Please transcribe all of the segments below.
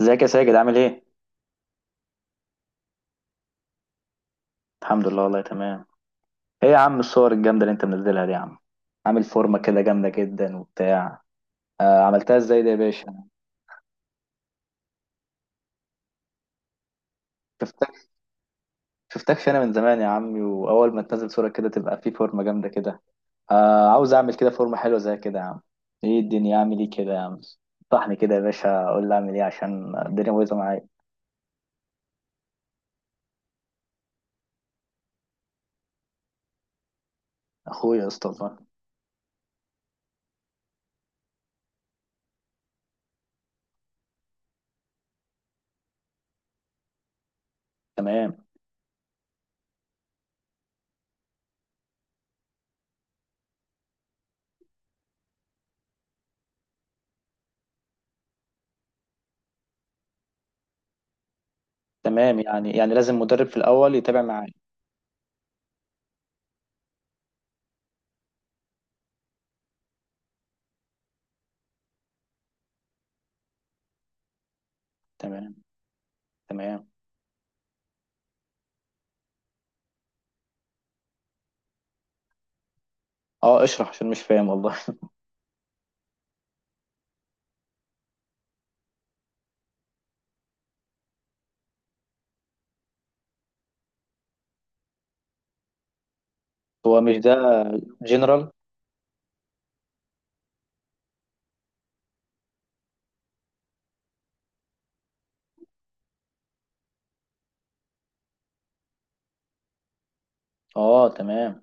ازيك يا ساجد، عامل ايه؟ الحمد لله والله تمام. ايه يا عم الصور الجامدة اللي انت منزلها دي يا عم، عامل فورمة كده جامدة جدا وبتاع. آه، عملتها ازاي ده يا باشا؟ شفتك شفتكش انا من زمان يا عمي، واول ما تنزل صورة كده تبقى في فورمة جامدة كده. آه عاوز اعمل كده فورمة حلوة زي كده يا عم. ايه الدنيا، اعمل ايه كده يا عم؟ صحني كده يا باشا، قول لي اعمل ايه عشان الدنيا بايظة معايا. اخويا يا اسطى والله. تمام تمام، يعني لازم مدرب في الاول يتابع معايا. تمام تمام. اه، اشرح عشان مش فاهم والله هو مش ده، جنرال؟ اه تمام.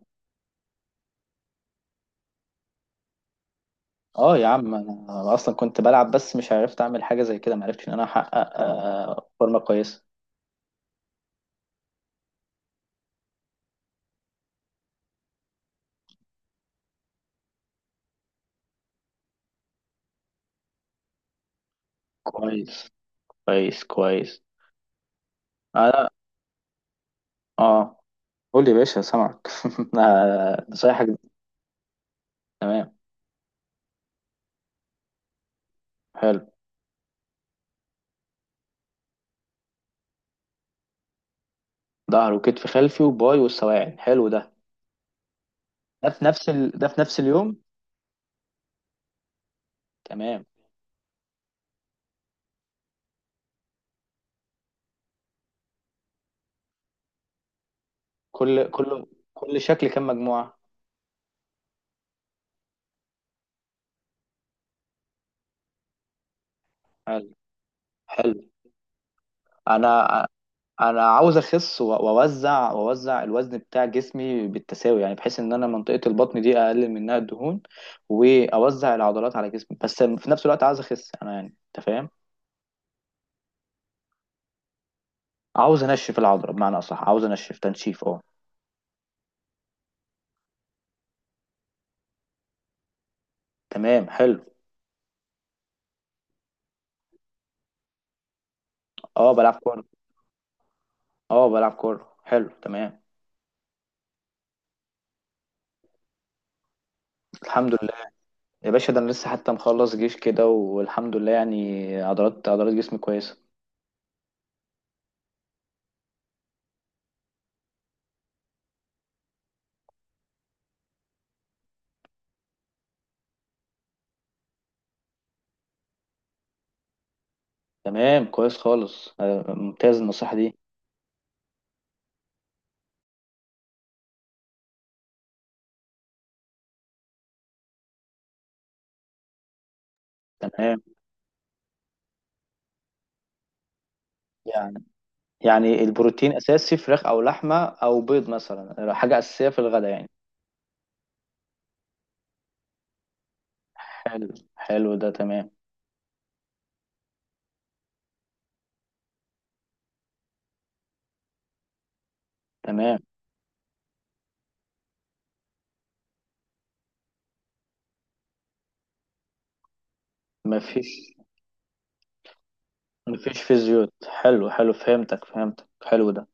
اه يا عم، أنا اصلا كنت بلعب بس مش عرفت اعمل حاجه زي كده، ما عرفتش ان انا احقق فورمه كويسه. كويس. كويس كويس. انا اه، قول لي يا باشا سامعك أنا نصايحك دي. تمام حلو. ظهر وكتف خلفي وباي والسواعد، حلو ده. ده في نفس اليوم. تمام. كل كل كل شكل كام مجموعه؟ حلو حلو. انا انا عاوز اخس واوزع الوزن بتاع جسمي بالتساوي، يعني بحيث ان انا منطقة البطن دي اقلل منها الدهون، واوزع العضلات على جسمي، بس في نفس الوقت عاوز اخس انا، يعني انت فاهم. عاوز انشف العضلة، بمعنى اصح عاوز انشف، تنشيف اه. تمام حلو. اه، بلعب كورة. اه، بلعب كورة، حلو تمام. الحمد لله. يا باشا ده انا لسه حتى مخلص جيش كده والحمد لله، يعني عضلات جسمي كويسة. تمام كويس خالص، ممتاز النصيحة دي. تمام. يعني يعني البروتين اساسي، فراخ او لحمه او بيض مثلا، حاجه اساسيه في الغداء يعني. حلو حلو ده تمام. تمام مفيش. مفيش في زيوت، حلو حلو، فهمتك فهمتك، حلو ده.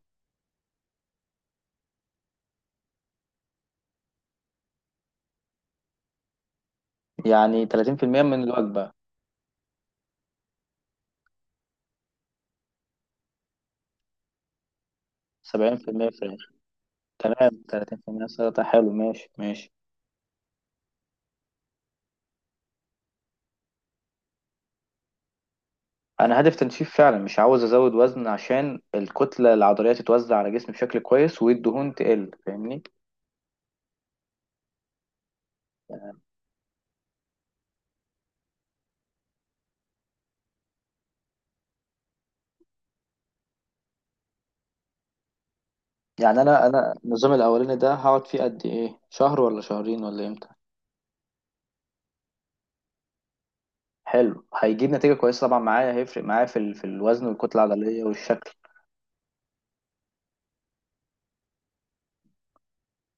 يعني 30% من الوجبة. 70% فراخ. تمام، 30% سلطة، حلو، ماشي ماشي. أنا هدف تنشيف فعلا، مش عاوز أزود وزن عشان الكتلة العضلية تتوزع على جسمي بشكل كويس والدهون تقل، فاهمني. يعني أنا النظام الأولاني ده هقعد فيه قد إيه، شهر ولا شهرين ولا إمتى؟ حلو، هيجيب نتيجة كويسة طبعا معايا، هيفرق معايا في الوزن والكتلة العضلية والشكل.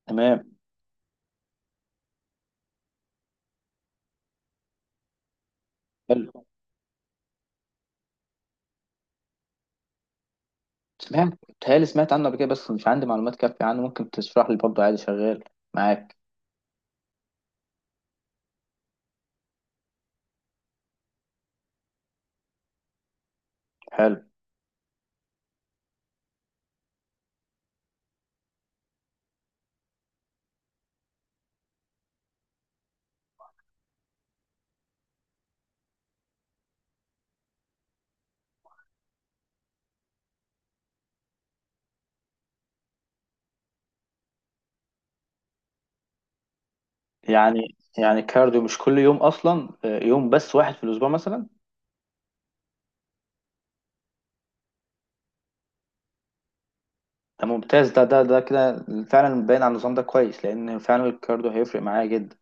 تمام حلو. سمعت بتهيألي، سمعت عنه قبل كده بس مش عندي معلومات كافية عنه، ممكن تشرح لي برضه عادي شغال معاك. حلو. يعني كارديو مش كل يوم أصلا، يوم بس واحد في الأسبوع مثلا. ده ممتاز، ده كده فعلا باين على النظام ده كويس، لأن فعلا الكارديو هيفرق معايا جدا.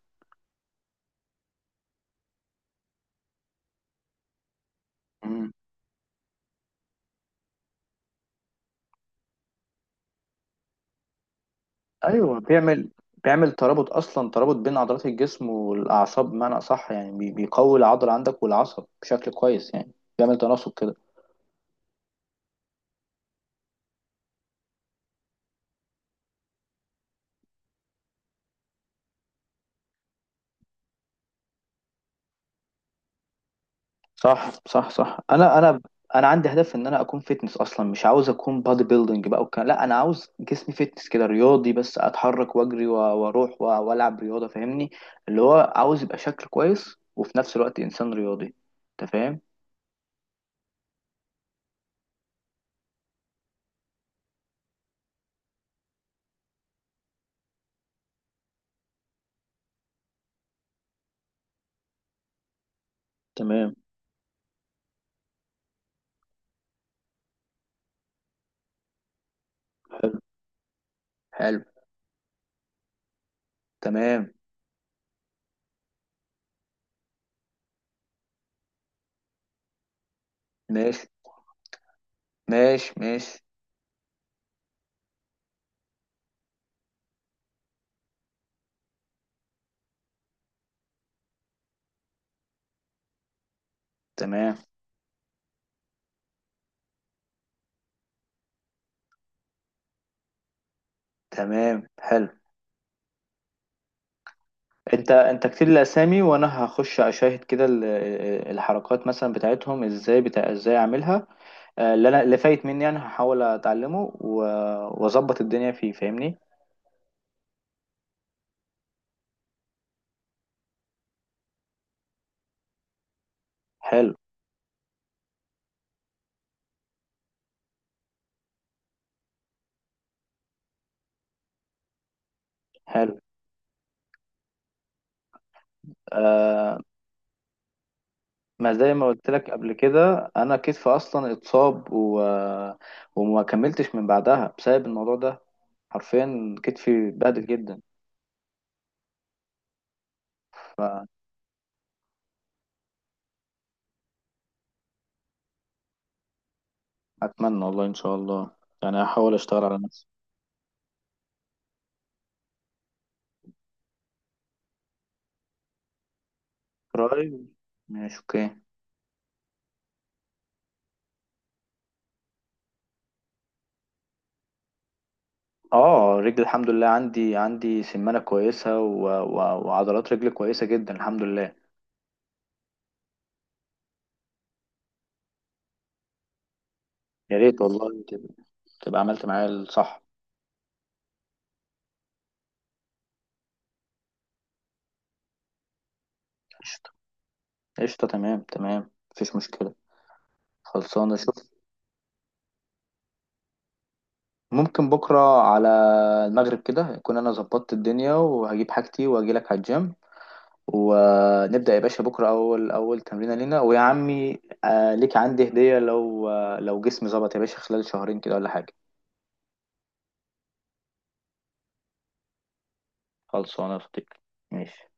ايوه، بيعمل ترابط اصلا، ترابط بين عضلات الجسم والاعصاب، بمعنى اصح يعني بيقوي العضله عندك والعصب بشكل كويس يعني، بيعمل تناسق كده. صح صح صح. انا عندي هدف ان انا اكون فيتنس اصلا، مش عاوز اكون بادي بيلدينج بقى، وكان لا انا عاوز جسمي فيتنس كده رياضي بس، اتحرك واجري واروح والعب رياضه، فاهمني. اللي هو عاوز يبقى شكل كويس وفي نفس الوقت انسان رياضي، انت فاهم. تمام. حلو حلو. تمام، ماشي ماشي. ماشي. تمام تمام حلو. انت كتير الاسامي، وانا هخش اشاهد كده الحركات مثلا بتاعتهم ازاي، بتاع ازاي اعملها. اللي انا اللي فايت مني انا هحاول اتعلمه واظبط الدنيا فيه، فاهمني. حلو حلو. آه، ما زي ما قلت لك قبل كده، انا كتفي اصلا اتصاب وما كملتش من بعدها بسبب الموضوع ده، حرفيا كتفي اتبهدل جدا. فاتمنى والله ان شاء الله، يعني هحاول اشتغل على نفسي. قريب. ماشي اوكي. اه، رجلي الحمد لله، عندي سمانة كويسة وعضلات رجلي كويسة جدا الحمد لله. يا ريت والله، تبقى عملت معايا الصح. قشطة قشطة، تمام تمام مفيش مشكلة. خلصانة، شوف. ممكن بكرة على المغرب كده، يكون أنا ظبطت الدنيا وهجيب حاجتي وأجيلك على الجيم ونبدأ يا باشا بكرة، أول أول تمرينة لينا. ويا عمي، آه ليك عندي هدية لو، آه لو جسمي ظبط يا باشا خلال شهرين كده ولا حاجة. خلصانة يا صديقي. ماشي.